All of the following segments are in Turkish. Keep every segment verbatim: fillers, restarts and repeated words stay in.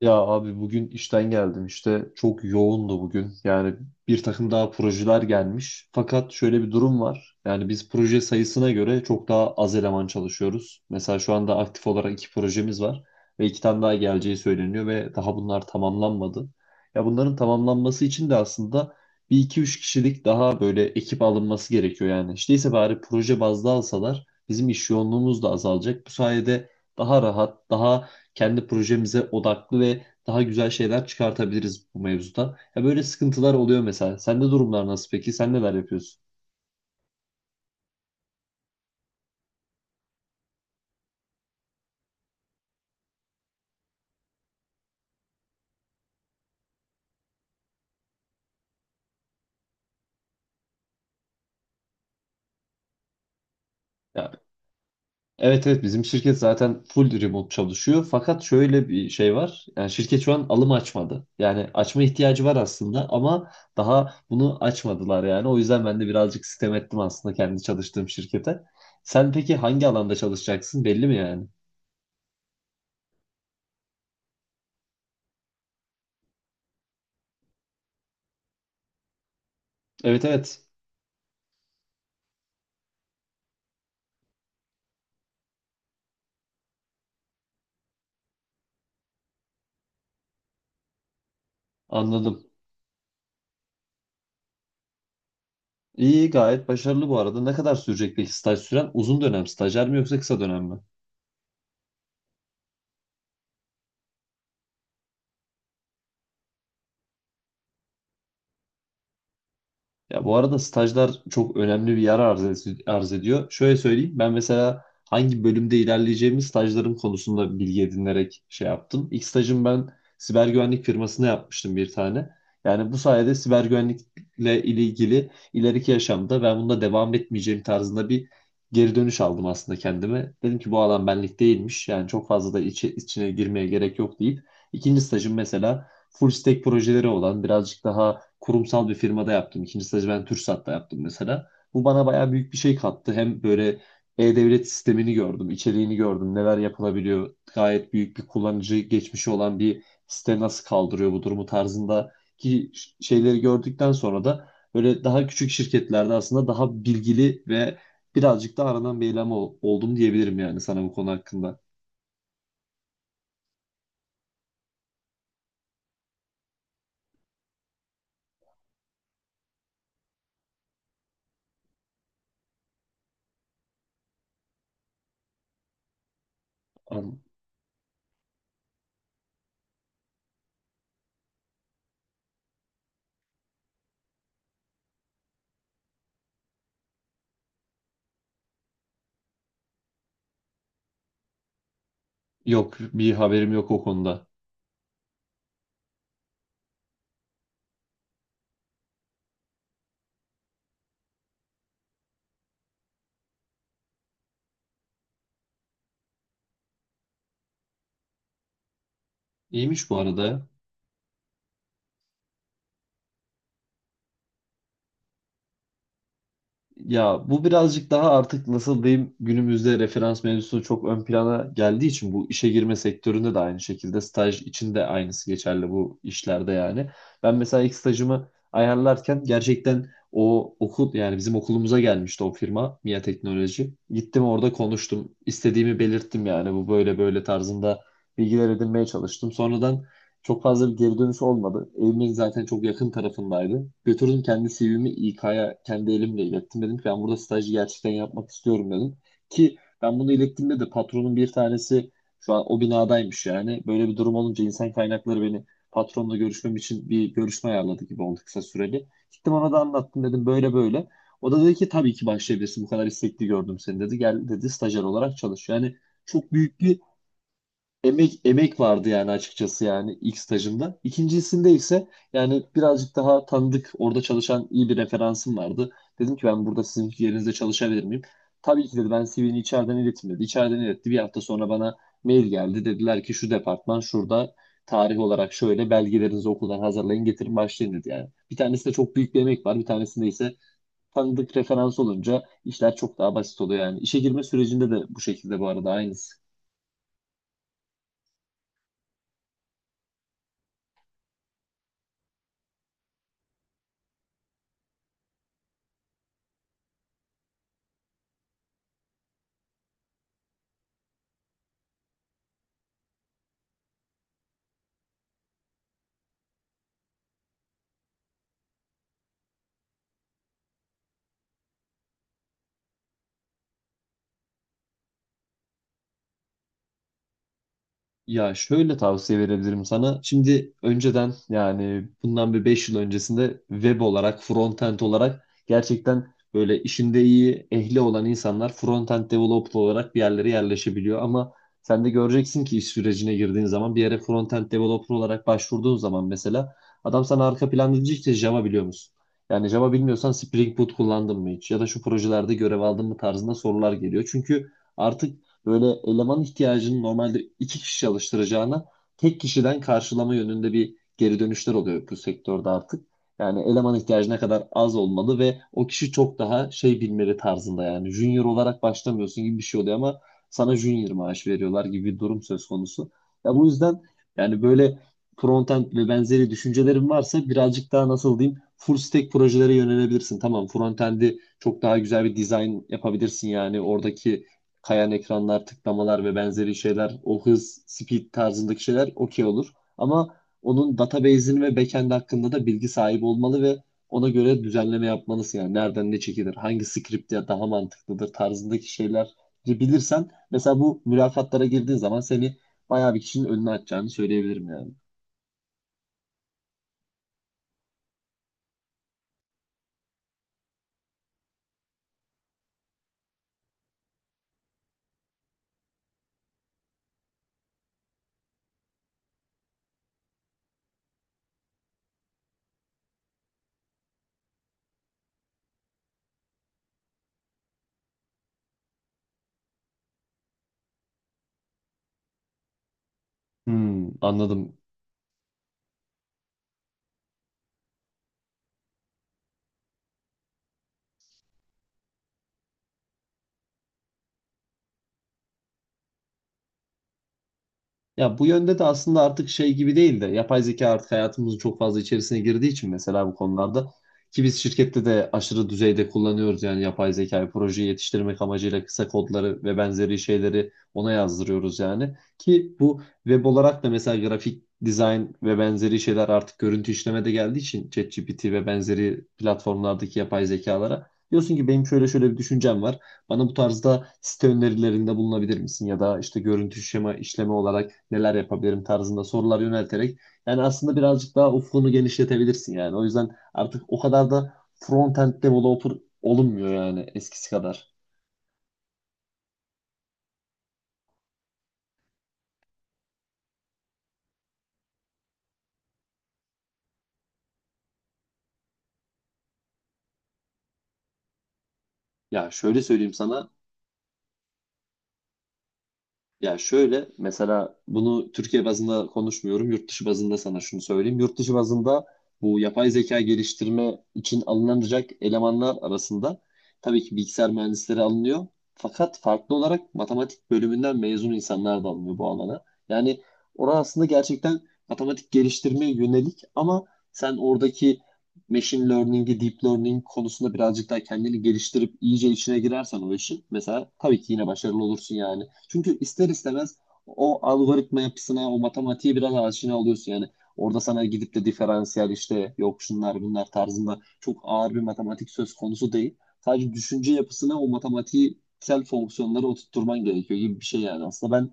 Ya abi, bugün işten geldim, işte çok yoğundu bugün yani. Bir takım daha projeler gelmiş, fakat şöyle bir durum var: yani biz proje sayısına göre çok daha az eleman çalışıyoruz. Mesela şu anda aktif olarak iki projemiz var ve iki tane daha geleceği söyleniyor, ve daha bunlar tamamlanmadı. Ya, bunların tamamlanması için de aslında bir iki üç kişilik daha böyle ekip alınması gerekiyor. Yani işte ise bari proje bazlı alsalar, bizim iş yoğunluğumuz da azalacak bu sayede, daha rahat, daha kendi projemize odaklı ve daha güzel şeyler çıkartabiliriz bu mevzuda. Ya, böyle sıkıntılar oluyor mesela. Sende durumlar nasıl peki? Sen neler yapıyorsun? Ya, evet, evet, bizim şirket zaten full remote çalışıyor. Fakat şöyle bir şey var. Yani şirket şu an alım açmadı. Yani açma ihtiyacı var aslında ama daha bunu açmadılar yani. O yüzden ben de birazcık sitem ettim aslında kendi çalıştığım şirkete. Sen peki hangi alanda çalışacaksın, belli mi yani? Evet, evet, anladım. İyi, gayet başarılı bu arada. Ne kadar sürecek peki staj süren? Uzun dönem stajyer mi yoksa kısa dönem mi? Ya, bu arada stajlar çok önemli bir yer arz, ed- arz ediyor. Şöyle söyleyeyim, ben mesela hangi bölümde ilerleyeceğimi stajlarım konusunda bilgi edinerek şey yaptım. İlk stajım ben siber güvenlik firmasına yapmıştım, bir tane. Yani bu sayede siber güvenlikle ilgili ileriki yaşamda ben bunda devam etmeyeceğim tarzında bir geri dönüş aldım aslında kendime. Dedim ki bu alan benlik değilmiş. Yani çok fazla da içi, içine girmeye gerek yok deyip. İkinci stajım mesela full stack projeleri olan birazcık daha kurumsal bir firmada yaptım. İkinci stajı ben TürkSat'ta yaptım mesela. Bu bana bayağı büyük bir şey kattı. Hem böyle e-devlet sistemini gördüm, içeriğini gördüm, neler yapılabiliyor. Gayet büyük bir kullanıcı geçmişi olan bir site nasıl kaldırıyor bu durumu tarzında ki şeyleri gördükten sonra da böyle daha küçük şirketlerde aslında daha bilgili ve birazcık da aranan bir eleman ol- oldum diyebilirim yani sana bu konu hakkında. An- Yok, bir haberim yok o konuda. İyiymiş bu arada. Ya, bu birazcık daha artık, nasıl diyeyim, günümüzde referans mevzusu çok ön plana geldiği için bu işe girme sektöründe de aynı şekilde, staj için de aynısı geçerli bu işlerde yani. Ben mesela ilk stajımı ayarlarken gerçekten o okul, yani bizim okulumuza gelmişti o firma MİA Teknoloji. Gittim, orada konuştum, istediğimi belirttim, yani bu böyle böyle tarzında bilgiler edinmeye çalıştım. Sonradan çok fazla bir geri dönüş olmadı. Evimin zaten çok yakın tarafındaydı. Götürdüm kendi C V'mi İK'ya, kendi elimle ilettim. Dedim ki ben burada stajı gerçekten yapmak istiyorum dedim. Ki ben bunu ilettiğimde de patronun bir tanesi şu an o binadaymış yani. Böyle bir durum olunca insan kaynakları beni patronla görüşmem için bir görüşme ayarladı gibi oldu, kısa süreli. Gittim, ona da anlattım, dedim böyle böyle. O da dedi ki tabii ki başlayabilirsin, bu kadar istekli gördüm seni dedi. Gel dedi, stajyer olarak çalış. Yani çok büyük bir emek emek vardı yani açıkçası, yani ilk stajımda. İkincisinde ise yani birazcık daha tanıdık, orada çalışan iyi bir referansım vardı. Dedim ki ben burada sizin yerinizde çalışabilir miyim? Tabii ki dedi, ben C V'ni içeriden ilettim dedi. İçeriden iletti. Bir hafta sonra bana mail geldi. Dediler ki şu departman şurada, tarih olarak şöyle, belgelerinizi okuldan hazırlayın, getirin, başlayın dedi yani. Bir tanesinde çok büyük bir emek var. Bir tanesinde ise tanıdık referans olunca işler çok daha basit oluyor yani. İşe girme sürecinde de bu şekilde bu arada, aynısı. Ya, şöyle tavsiye verebilirim sana. Şimdi önceden, yani bundan bir beş yıl öncesinde, web olarak, frontend olarak gerçekten böyle işinde iyi, ehli olan insanlar frontend developer olarak bir yerlere yerleşebiliyor. Ama sen de göreceksin ki iş sürecine girdiğin zaman, bir yere frontend developer olarak başvurduğun zaman mesela, adam sana arka planda diyecek ki Java biliyor musun? Yani Java bilmiyorsan Spring Boot kullandın mı hiç? Ya da şu projelerde görev aldın mı tarzında sorular geliyor. Çünkü artık böyle eleman ihtiyacını normalde iki kişi çalıştıracağına tek kişiden karşılama yönünde bir geri dönüşler oluyor bu sektörde artık. Yani eleman ihtiyacı ne kadar az olmalı ve o kişi çok daha şey bilmeli tarzında, yani junior olarak başlamıyorsun gibi bir şey oluyor ama sana junior maaş veriyorlar gibi bir durum söz konusu. Ya, bu yüzden yani böyle frontend ve benzeri düşüncelerin varsa, birazcık daha, nasıl diyeyim, full stack projelere yönelebilirsin. Tamam, frontend'i çok daha güzel bir design yapabilirsin, yani oradaki kayan ekranlar, tıklamalar ve benzeri şeyler, o hız, speed tarzındaki şeyler okey olur. Ama onun database'ini ve backend hakkında da bilgi sahibi olmalı ve ona göre düzenleme yapmalısın. Yani nereden ne çekilir, hangi script ya daha mantıklıdır tarzındaki şeyler bilirsen mesela, bu mülakatlara girdiğin zaman seni bayağı bir kişinin önüne atacağını söyleyebilirim yani. Hmm, anladım. Ya, bu yönde de aslında artık şey gibi değil de, yapay zeka artık hayatımızın çok fazla içerisine girdiği için mesela, bu konularda ki biz şirkette de aşırı düzeyde kullanıyoruz yani yapay zekayı, projeyi yetiştirmek amacıyla kısa kodları ve benzeri şeyleri ona yazdırıyoruz yani, ki bu web olarak da mesela grafik dizayn ve benzeri şeyler, artık görüntü işleme de geldiği için ChatGPT ve benzeri platformlardaki yapay zekalara diyorsun ki benim şöyle şöyle bir düşüncem var. Bana bu tarzda site önerilerinde bulunabilir misin, ya da işte görüntü şema işleme olarak neler yapabilirim tarzında sorular yönelterek yani, aslında birazcık daha ufkunu genişletebilirsin yani. O yüzden artık o kadar da front-end developer olunmuyor yani, eskisi kadar. Ya, şöyle söyleyeyim sana. Ya, şöyle mesela, bunu Türkiye bazında konuşmuyorum. Yurt dışı bazında sana şunu söyleyeyim. Yurt dışı bazında bu yapay zeka geliştirme için alınacak elemanlar arasında tabii ki bilgisayar mühendisleri alınıyor. Fakat farklı olarak matematik bölümünden mezun insanlar da alınıyor bu alana. Yani orası aslında gerçekten matematik geliştirmeye yönelik, ama sen oradaki machine learning'i, deep learning konusunda birazcık daha kendini geliştirip iyice içine girersen o işin, mesela tabii ki yine başarılı olursun yani. Çünkü ister istemez o algoritma yapısına, o matematiğe biraz aşina oluyorsun yani. Orada sana gidip de diferansiyel, işte yok şunlar bunlar tarzında çok ağır bir matematik söz konusu değil. Sadece düşünce yapısına o matematiksel fonksiyonları oturtturman gerekiyor gibi bir şey yani. Aslında ben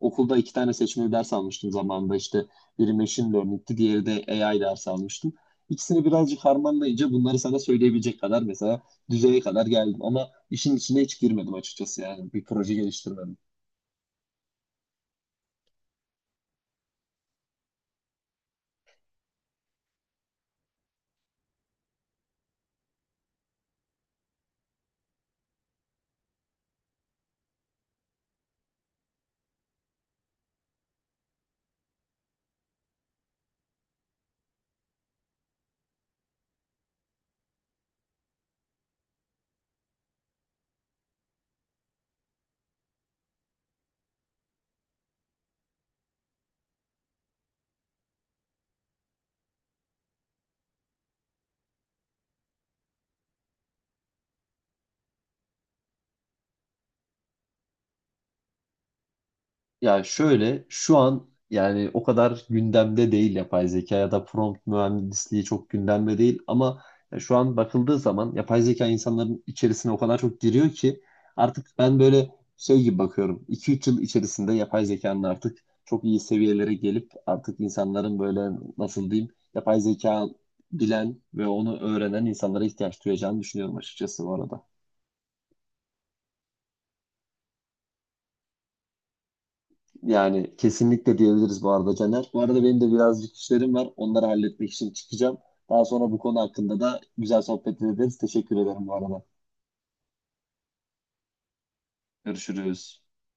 okulda iki tane seçmeli ders almıştım zamanında, işte biri machine learning'ti, diğeri de A I ders almıştım. İkisini birazcık harmanlayınca bunları sana söyleyebilecek kadar, mesela düzeye kadar geldim, ama işin içine hiç girmedim açıkçası, yani bir proje geliştirmedim. Ya, şöyle şu an yani o kadar gündemde değil yapay zeka ya da prompt mühendisliği çok gündemde değil, ama ya şu an bakıldığı zaman yapay zeka insanların içerisine o kadar çok giriyor ki artık ben böyle şey gibi bakıyorum. iki üç yıl içerisinde yapay zekanın artık çok iyi seviyelere gelip artık insanların böyle, nasıl diyeyim, yapay zeka bilen ve onu öğrenen insanlara ihtiyaç duyacağını düşünüyorum açıkçası, bu arada. Yani kesinlikle diyebiliriz bu arada Caner. Bu arada benim de birazcık işlerim var. Onları halletmek için çıkacağım. Daha sonra bu konu hakkında da güzel sohbet ederiz. Teşekkür ederim bu arada. Görüşürüz.